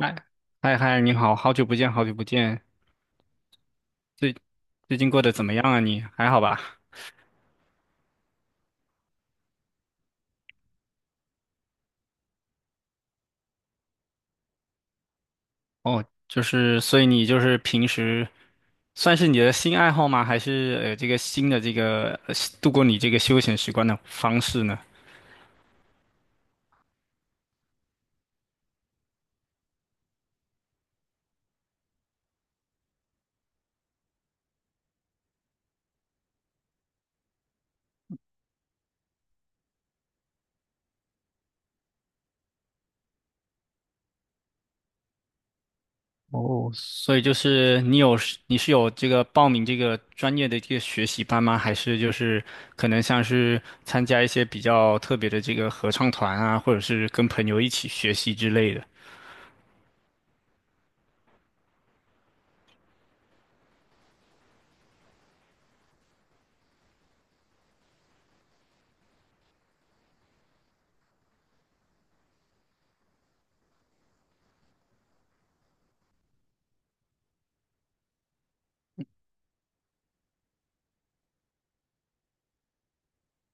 嗨嗨，你好，好久不见，好久不见，最最近过得怎么样啊你？还好吧？所以你就是平时算是你的新爱好吗？还是这个新的度过你这个休闲时光的方式呢？哦，所以就是你是有这个报名这个专业的这个学习班吗？还是就是可能像是参加一些比较特别的这个合唱团啊，或者是跟朋友一起学习之类的？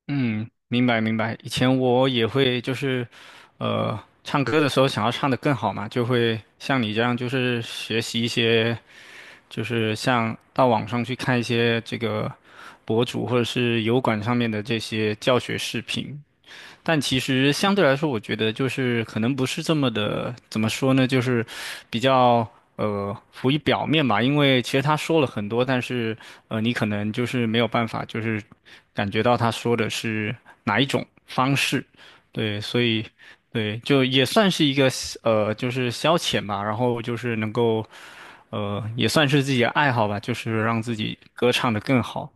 嗯，明白明白。以前我也会唱歌的时候想要唱得更好嘛，就会像你这样，学习一些，就是像到网上去看一些这个博主或者是油管上面的这些教学视频。但其实相对来说，我觉得就是可能不是这么的，怎么说呢，就是比较浮于表面吧。因为其实他说了很多，但是你可能就是没有办法，就是感觉到他说的是哪一种方式。对，所以对，就也算是一个就是消遣吧。然后就是能够也算是自己的爱好吧，就是让自己歌唱的更好。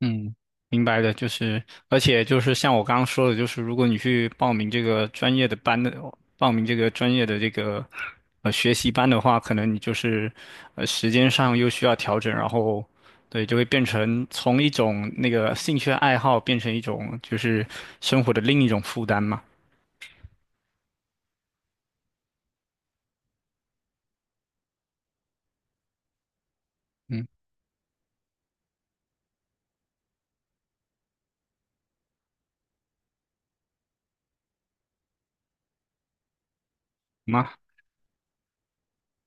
嗯，明白的。而且就是像我刚刚说的，就是如果你去报名这个专业的这个学习班的话，可能你就是时间上又需要调整，然后对，就会变成从一种那个兴趣爱好变成一种就是生活的另一种负担嘛。嗯，吗？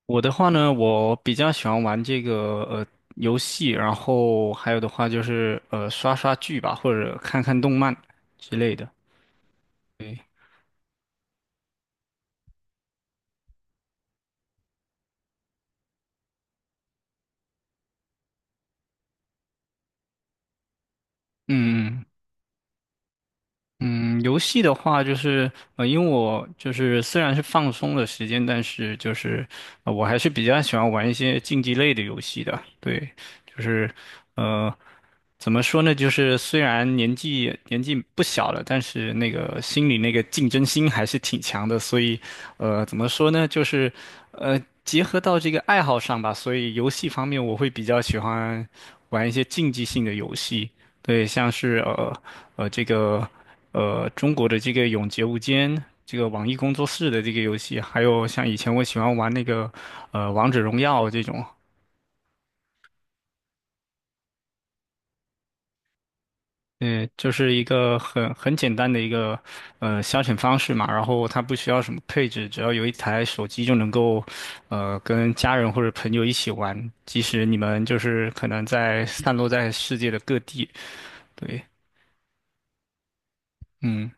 我的话呢，我比较喜欢玩这个呃游戏，然后还有的话就是刷刷剧吧，或者看看动漫之类的。嗯嗯，游戏的话就是，因为我就是虽然是放松的时间，但是就是，我还是比较喜欢玩一些竞技类的游戏的。对，就是，呃，怎么说呢？就是虽然年纪不小了，但是那个心里那个竞争心还是挺强的。所以，怎么说呢？呃，结合到这个爱好上吧，所以游戏方面我会比较喜欢玩一些竞技性的游戏。对，像是这个中国的这个《永劫无间》，这个网易工作室的这个游戏，还有像以前我喜欢玩那个《王者荣耀》这种，嗯、就是一个很简单的一个消遣方式嘛。然后它不需要什么配置，只要有一台手机就能够跟家人或者朋友一起玩，即使你们就是可能在散落在世界的各地。对，嗯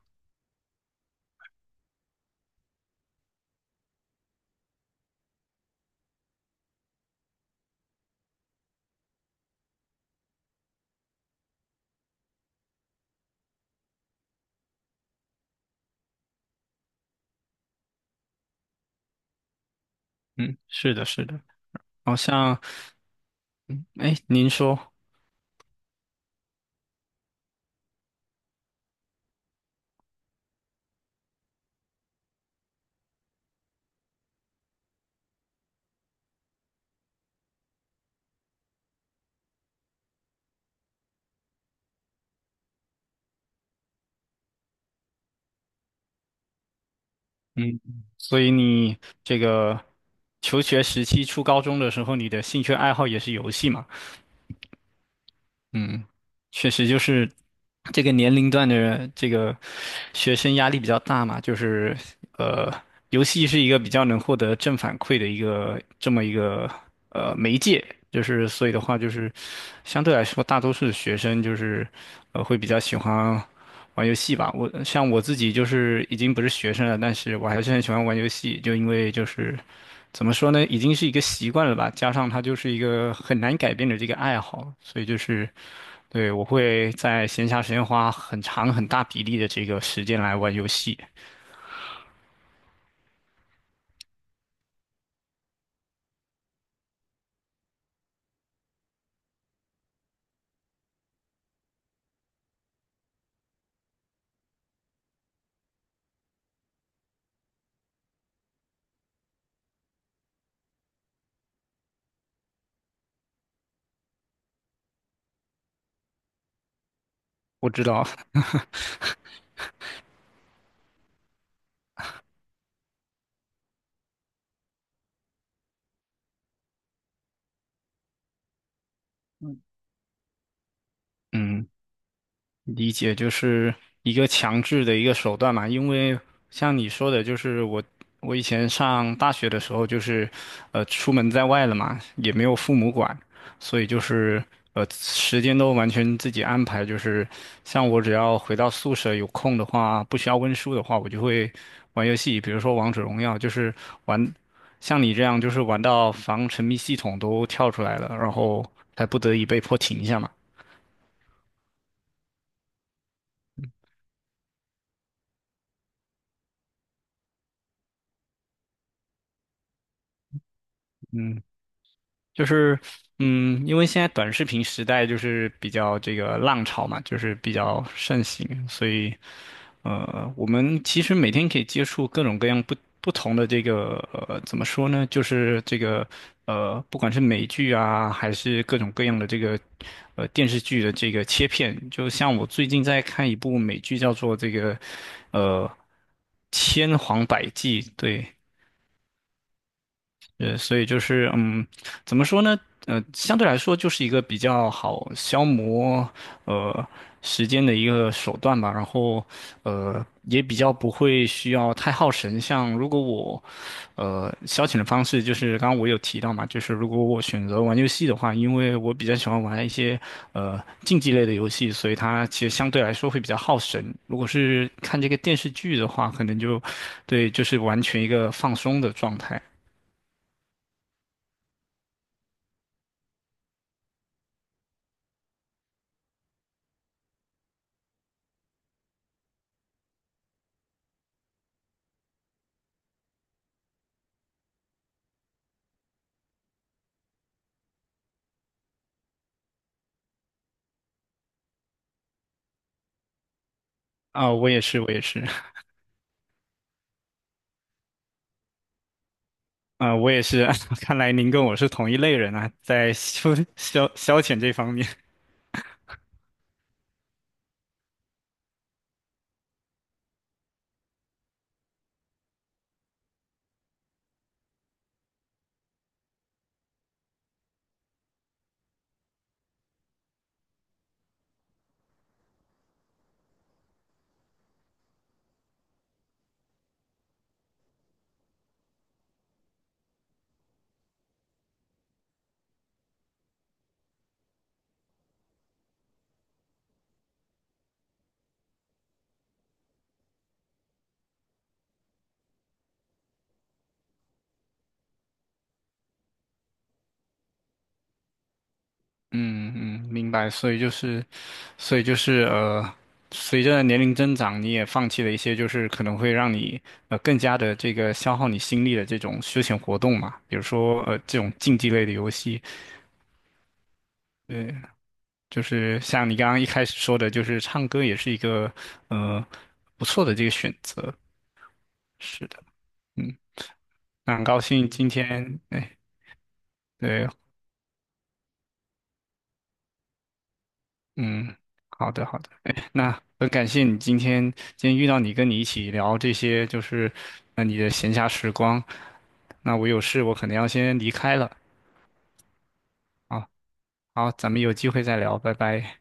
嗯，是的，是的。好像，哎，您说。嗯，所以你这个求学时期，初高中的时候，你的兴趣爱好也是游戏嘛？嗯，确实就是这个年龄段的这个学生压力比较大嘛，就是呃，游戏是一个比较能获得正反馈的一个这么一个媒介，就是所以的话，就是相对来说，大多数的学生就是会比较喜欢玩游戏吧。我像我自己就是已经不是学生了，但是我还是很喜欢玩游戏，就因为就是怎么说呢，已经是一个习惯了吧，加上它就是一个很难改变的这个爱好，所以就是对我会在闲暇时间花很长很大比例的这个时间来玩游戏。我知道。嗯，嗯。理解就是一个强制的一个手段嘛，因为像你说的，就是我以前上大学的时候，就是出门在外了嘛，也没有父母管，所以就是时间都完全自己安排，就是像我只要回到宿舍有空的话，不需要温书的话，我就会玩游戏，比如说王者荣耀，就是玩像你这样，就是玩到防沉迷系统都跳出来了，然后才不得已被迫停一下嘛。嗯，就是，嗯，因为现在短视频时代就是比较这个浪潮嘛，就是比较盛行，所以，我们其实每天可以接触各种各样不同的这个，怎么说呢？就是这个，不管是美剧啊，还是各种各样的这个，电视剧的这个切片，就像我最近在看一部美剧，叫做这个，呃，《千谎百计》，对，所以就是嗯，怎么说呢？相对来说就是一个比较好消磨呃时间的一个手段吧。然后也比较不会需要太耗神。像如果我消遣的方式，就是刚刚我有提到嘛，就是如果我选择玩游戏的话，因为我比较喜欢玩一些竞技类的游戏，所以它其实相对来说会比较耗神。如果是看这个电视剧的话，可能就对，就是完全一个放松的状态。啊，我也是。看来您跟我是同一类人啊，在消遣这方面。嗯嗯，明白。所以就是随着年龄增长，你也放弃了一些就是可能会让你更加的这个消耗你心力的这种休闲活动嘛，比如说这种竞技类的游戏。对，就是像你刚刚一开始说的，就是唱歌也是一个呃不错的这个选择。是的。嗯，那很高兴今天。哎，对，嗯，好的，好的，哎，那很感谢你今天遇到你，跟你一起聊这些，就是那你的闲暇时光。那我有事，我可能要先离开了啊。好，咱们有机会再聊，拜拜。